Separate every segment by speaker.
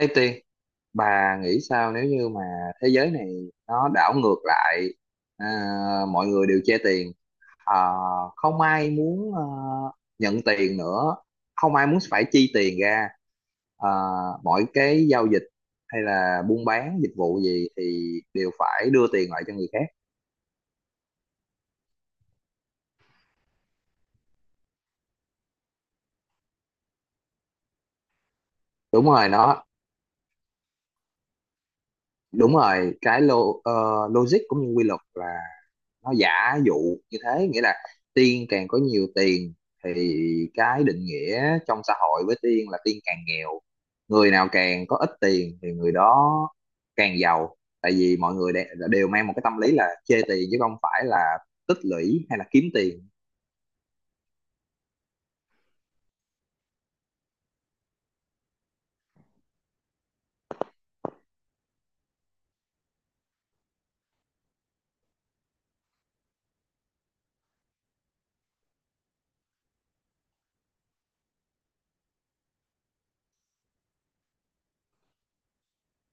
Speaker 1: Thế Tiên, bà nghĩ sao nếu như mà thế giới này nó đảo ngược lại? à, Mọi người đều che tiền, à, không ai muốn nhận tiền nữa, không ai muốn phải chi tiền ra, à, mọi cái giao dịch hay là buôn bán dịch vụ gì thì đều phải đưa tiền lại cho người khác. Đúng rồi, nó đúng rồi, cái lo, ờ, logic cũng như quy luật nó giả dụ như thế, nghĩa là tiên càng có nhiều tiền thì cái định nghĩa trong xã hội với tiên là tiên càng nghèo. Người nào càng có ít tiền thì người đó càng giàu, tại vì mọi người đều mang một cái tâm lý là chê tiền chứ không phải là tích lũy hay là kiếm tiền.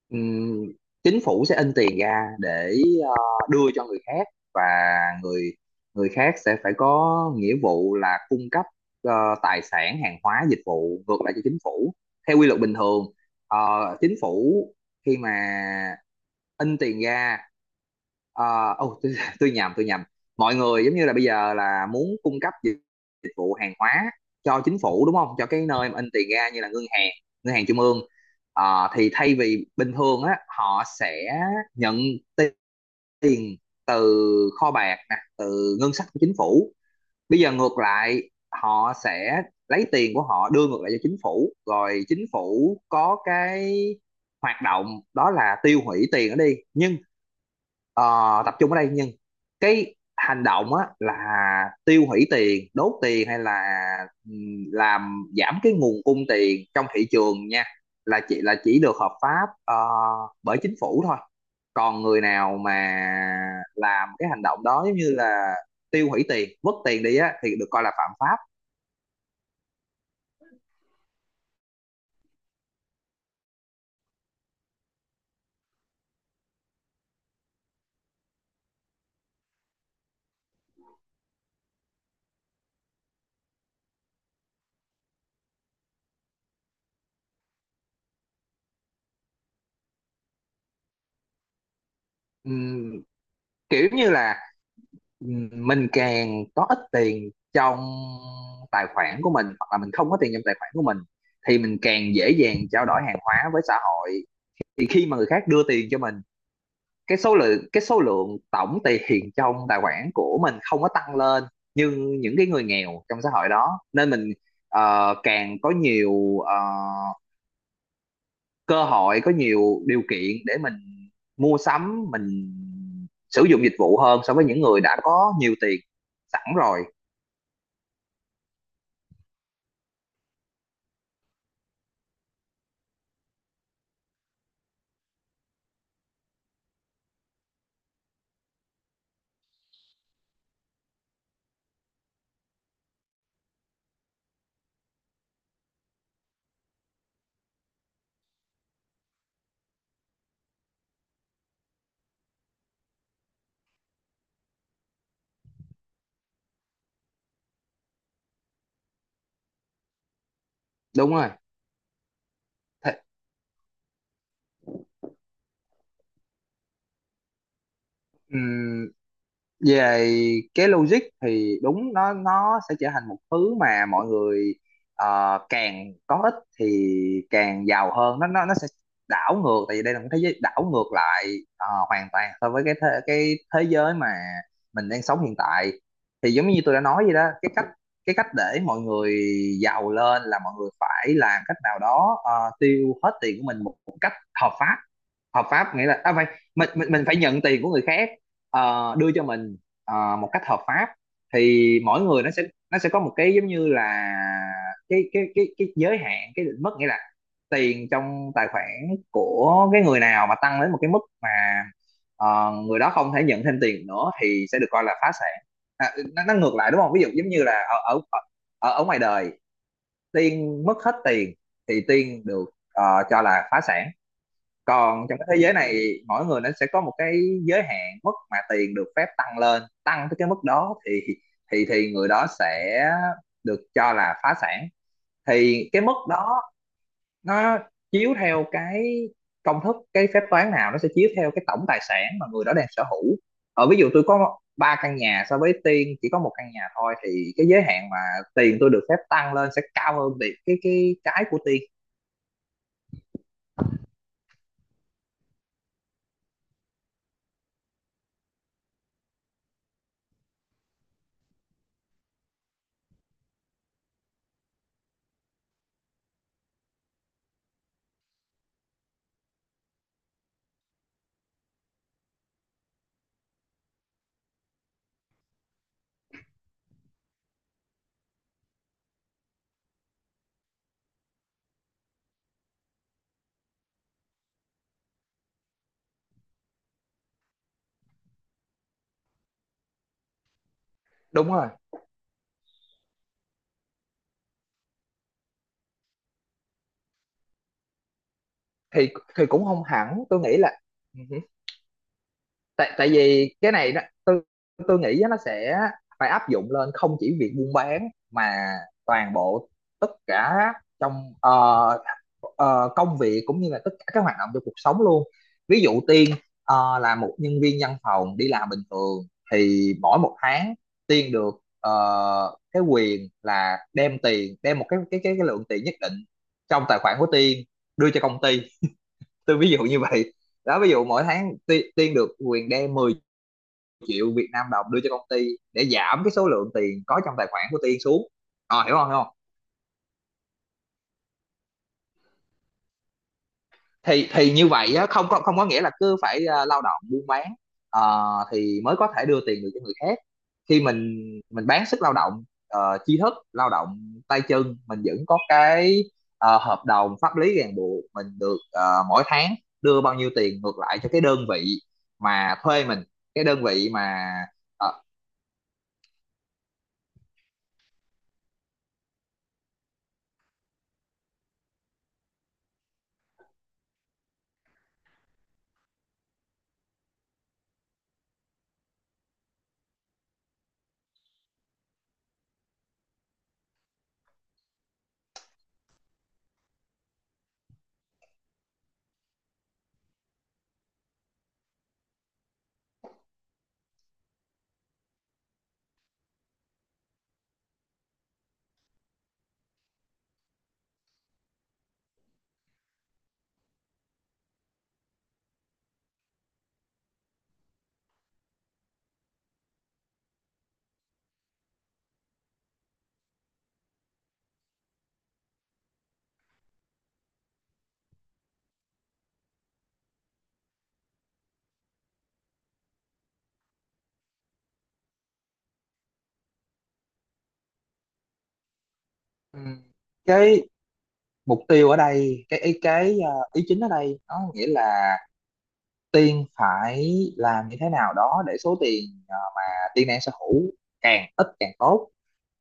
Speaker 1: Ừm, Chính phủ sẽ in tiền ra để ờ, đưa cho người khác, và người người khác sẽ phải có nghĩa vụ là cung cấp ờ, tài sản, hàng hóa, dịch vụ ngược lại cho chính phủ theo quy luật bình thường. ờ, Chính phủ khi mà in tiền ra, ờ, ô, tôi, tôi nhầm, mọi người giống như là bây giờ là muốn cung cấp dịch vụ, hàng hóa cho chính phủ, đúng không, cho cái nơi mà in tiền ra, như là ngân hàng, ngân hàng trung ương. Ờ, thì thay vì bình thường á họ sẽ nhận ti- tiền từ kho bạc nè, từ ngân sách của chính phủ. Bây giờ ngược lại họ sẽ lấy tiền của họ đưa ngược lại cho chính phủ, rồi chính phủ có cái hoạt động đó là tiêu hủy tiền đó đi. Nhưng ờ, tập trung ở đây, nhưng cái hành động á là tiêu hủy tiền, đốt tiền, hay là làm giảm cái nguồn cung tiền trong thị trường nha, là chỉ được hợp pháp bởi chính phủ thôi. Còn người nào mà làm cái hành động đó, giống như là tiêu hủy tiền, vứt tiền đi á, thì được coi là phạm pháp. Ừm, Kiểu như là mình càng có ít tiền trong tài khoản của mình, hoặc là mình không có tiền trong tài khoản của mình, thì mình càng dễ dàng trao đổi hàng hóa với xã hội. Thì khi mà người khác đưa tiền cho mình, cái số lượng tổng tiền trong tài khoản của mình không có tăng lên như những cái người nghèo trong xã hội đó, nên mình càng có nhiều cơ hội, có nhiều điều kiện để mình mua sắm, mình sử dụng dịch vụ hơn so với những người đã có nhiều tiền sẵn rồi. Đúng rồi. Thế, về cái logic thì đúng, nó sẽ trở thành một thứ mà mọi người càng có ít thì càng giàu hơn. Nó sẽ đảo ngược, tại vì đây là một thế giới đảo ngược lại hoàn toàn so với cái thế giới mà mình đang sống hiện tại. Thì giống như tôi đã nói vậy đó, cái cách để mọi người giàu lên là mọi người phải làm cách nào đó tiêu hết tiền của mình một cách hợp pháp. Hợp pháp nghĩa là phải mình phải nhận tiền của người khác đưa cho mình một cách hợp pháp. Thì mỗi người nó sẽ có một cái giống như là cái giới hạn, cái định mức, nghĩa là tiền trong tài khoản của cái người nào mà tăng đến một cái mức mà người đó không thể nhận thêm tiền nữa thì sẽ được coi là phá sản. à, nó ngược lại đúng không? Ví dụ giống như là ở ở ở ở ngoài đời, Tiên mất hết tiền thì Tiên được ờ, cho là phá sản. Còn trong cái thế giới này, mỗi người nó sẽ có một cái giới hạn mức mà tiền được phép tăng lên, tăng tới cái mức đó thì người đó sẽ được cho là phá sản. Thì cái mức đó nó chiếu theo cái công thức, cái phép toán nào nó sẽ chiếu theo cái tổng tài sản mà người đó đang sở hữu. Ở ví dụ, tôi có ba căn nhà so với Tiên chỉ có một căn nhà thôi, thì cái giới hạn mà tiền tôi được phép tăng lên sẽ cao hơn việc cái của Tiên. Đúng rồi. Thì thì cũng không hẳn, tôi nghĩ là ừ hử. Tại tại vì cái này đó, tôi nghĩ á, nó sẽ phải áp dụng lên không chỉ việc buôn bán mà toàn bộ, tất cả trong công việc cũng như là tất cả các hoạt động trong cuộc sống luôn. Ví dụ Tiên là một nhân viên văn phòng đi làm bình thường, thì mỗi một tháng Tiên được cái quyền là đem một cái lượng tiền nhất định trong tài khoản của Tiên đưa cho công ty. Tôi ví dụ như vậy đó. Ví dụ mỗi tháng Tiên được quyền đem 10 triệu Việt Nam đồng đưa cho công ty để giảm cái số lượng tiền có trong tài khoản của Tiên xuống. Ờ, hiểu không, hiểu không? Thì như vậy á, không có nghĩa là cứ phải lao động, buôn bán ờ, thì mới có thể đưa tiền được cho người khác. Khi mình bán sức lao động, tri thức lao động, tay chân, mình vẫn có cái hợp đồng pháp lý ràng buộc mình được mỗi tháng đưa bao nhiêu tiền ngược lại cho cái đơn vị mà thuê mình, cái đơn vị mà ờ, ừ. Cái mục tiêu ở đây, cái ý cái ờ, ý chính ở đây nó nghĩa là Tiên phải làm như thế nào đó để số tiền mà Tiên đang sở hữu càng ít càng tốt.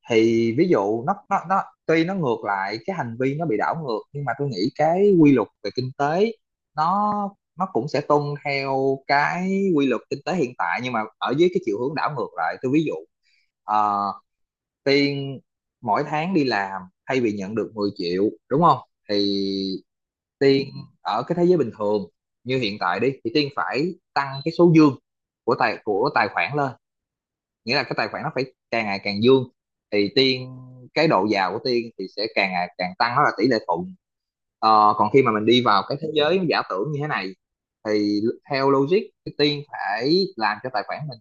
Speaker 1: Thì ví dụ nó tuy nó ngược lại, cái hành vi nó bị đảo ngược, nhưng mà tôi nghĩ cái quy luật về kinh tế nó nó cũng sẽ tuân theo cái quy luật kinh tế hiện tại nhưng mà ở dưới cái chiều hướng đảo ngược lại. Tôi ví dụ ờ, Tiên mỗi tháng đi làm, thay vì nhận được 10 triệu đúng không? Thì Tiên ở cái thế giới bình thường như hiện tại đi thì Tiên phải tăng cái số dương của tài khoản lên, nghĩa là cái tài khoản nó phải càng ngày càng dương, thì tiên cái độ giàu của tiên thì sẽ càng ngày càng tăng, đó là tỷ lệ thuận. Ờ, còn khi mà mình đi vào cái thế giới giả tưởng như thế này thì theo logic thì tiên phải làm cho tài khoản mình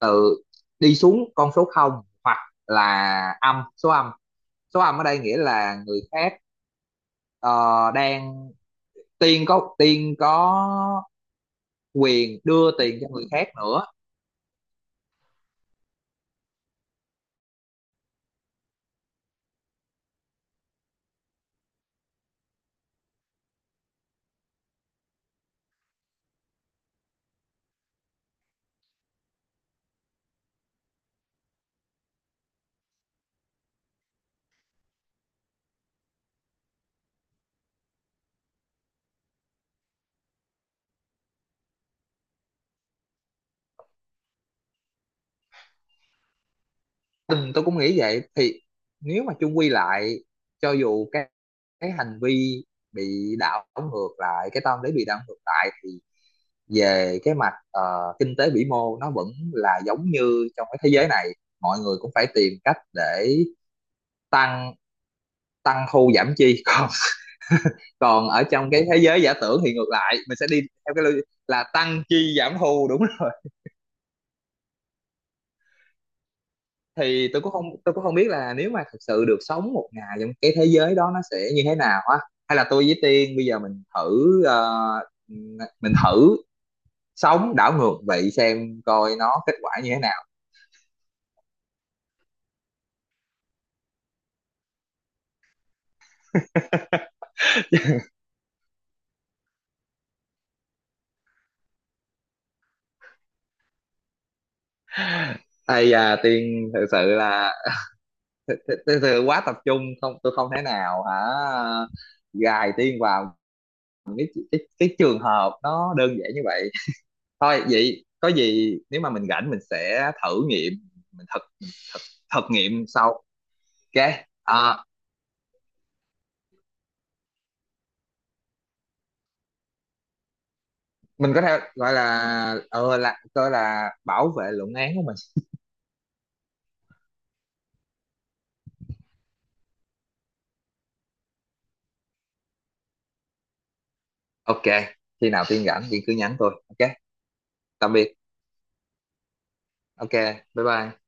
Speaker 1: từ đi xuống con số không, hoặc là âm, số âm. Số âm ở đây nghĩa là người khác ờ, đang tiên có quyền đưa tiền cho người khác nữa. Ừ, tôi cũng nghĩ vậy. Thì nếu mà chung quy lại, cho dù cái hành vi bị đảo ngược lại, cái tâm lý bị đảo ngược lại, thì về cái mặt kinh tế vĩ mô nó vẫn là giống như trong cái thế giới này, mọi người cũng phải tìm cách để tăng, tăng thu giảm chi còn còn ở trong cái thế giới giả tưởng thì ngược lại mình sẽ đi theo cái là tăng chi giảm thu, đúng rồi. Thì tôi cũng không biết là nếu mà thực sự được sống một ngày trong cái thế giới đó nó sẽ như thế nào á, hay là tôi với Tiên bây giờ mình thử sống đảo ngược vậy xem coi nó kết quả như thế nào. Ây da, Tiên thực sự là thực sự quá tập trung, không, tôi không thể nào hả gài Tiên vào cái trường hợp nó đơn giản như vậy thôi. Vậy có gì nếu mà mình rảnh mình sẽ thử nghiệm, mình thực thực, thực nghiệm sau. Ok, à, mình có thể gọi là là coi là bảo vệ luận án của mình. Ok, khi nào Tiên rảnh Tiên cứ nhắn tôi. Ok, tạm biệt. Ok, bye bye.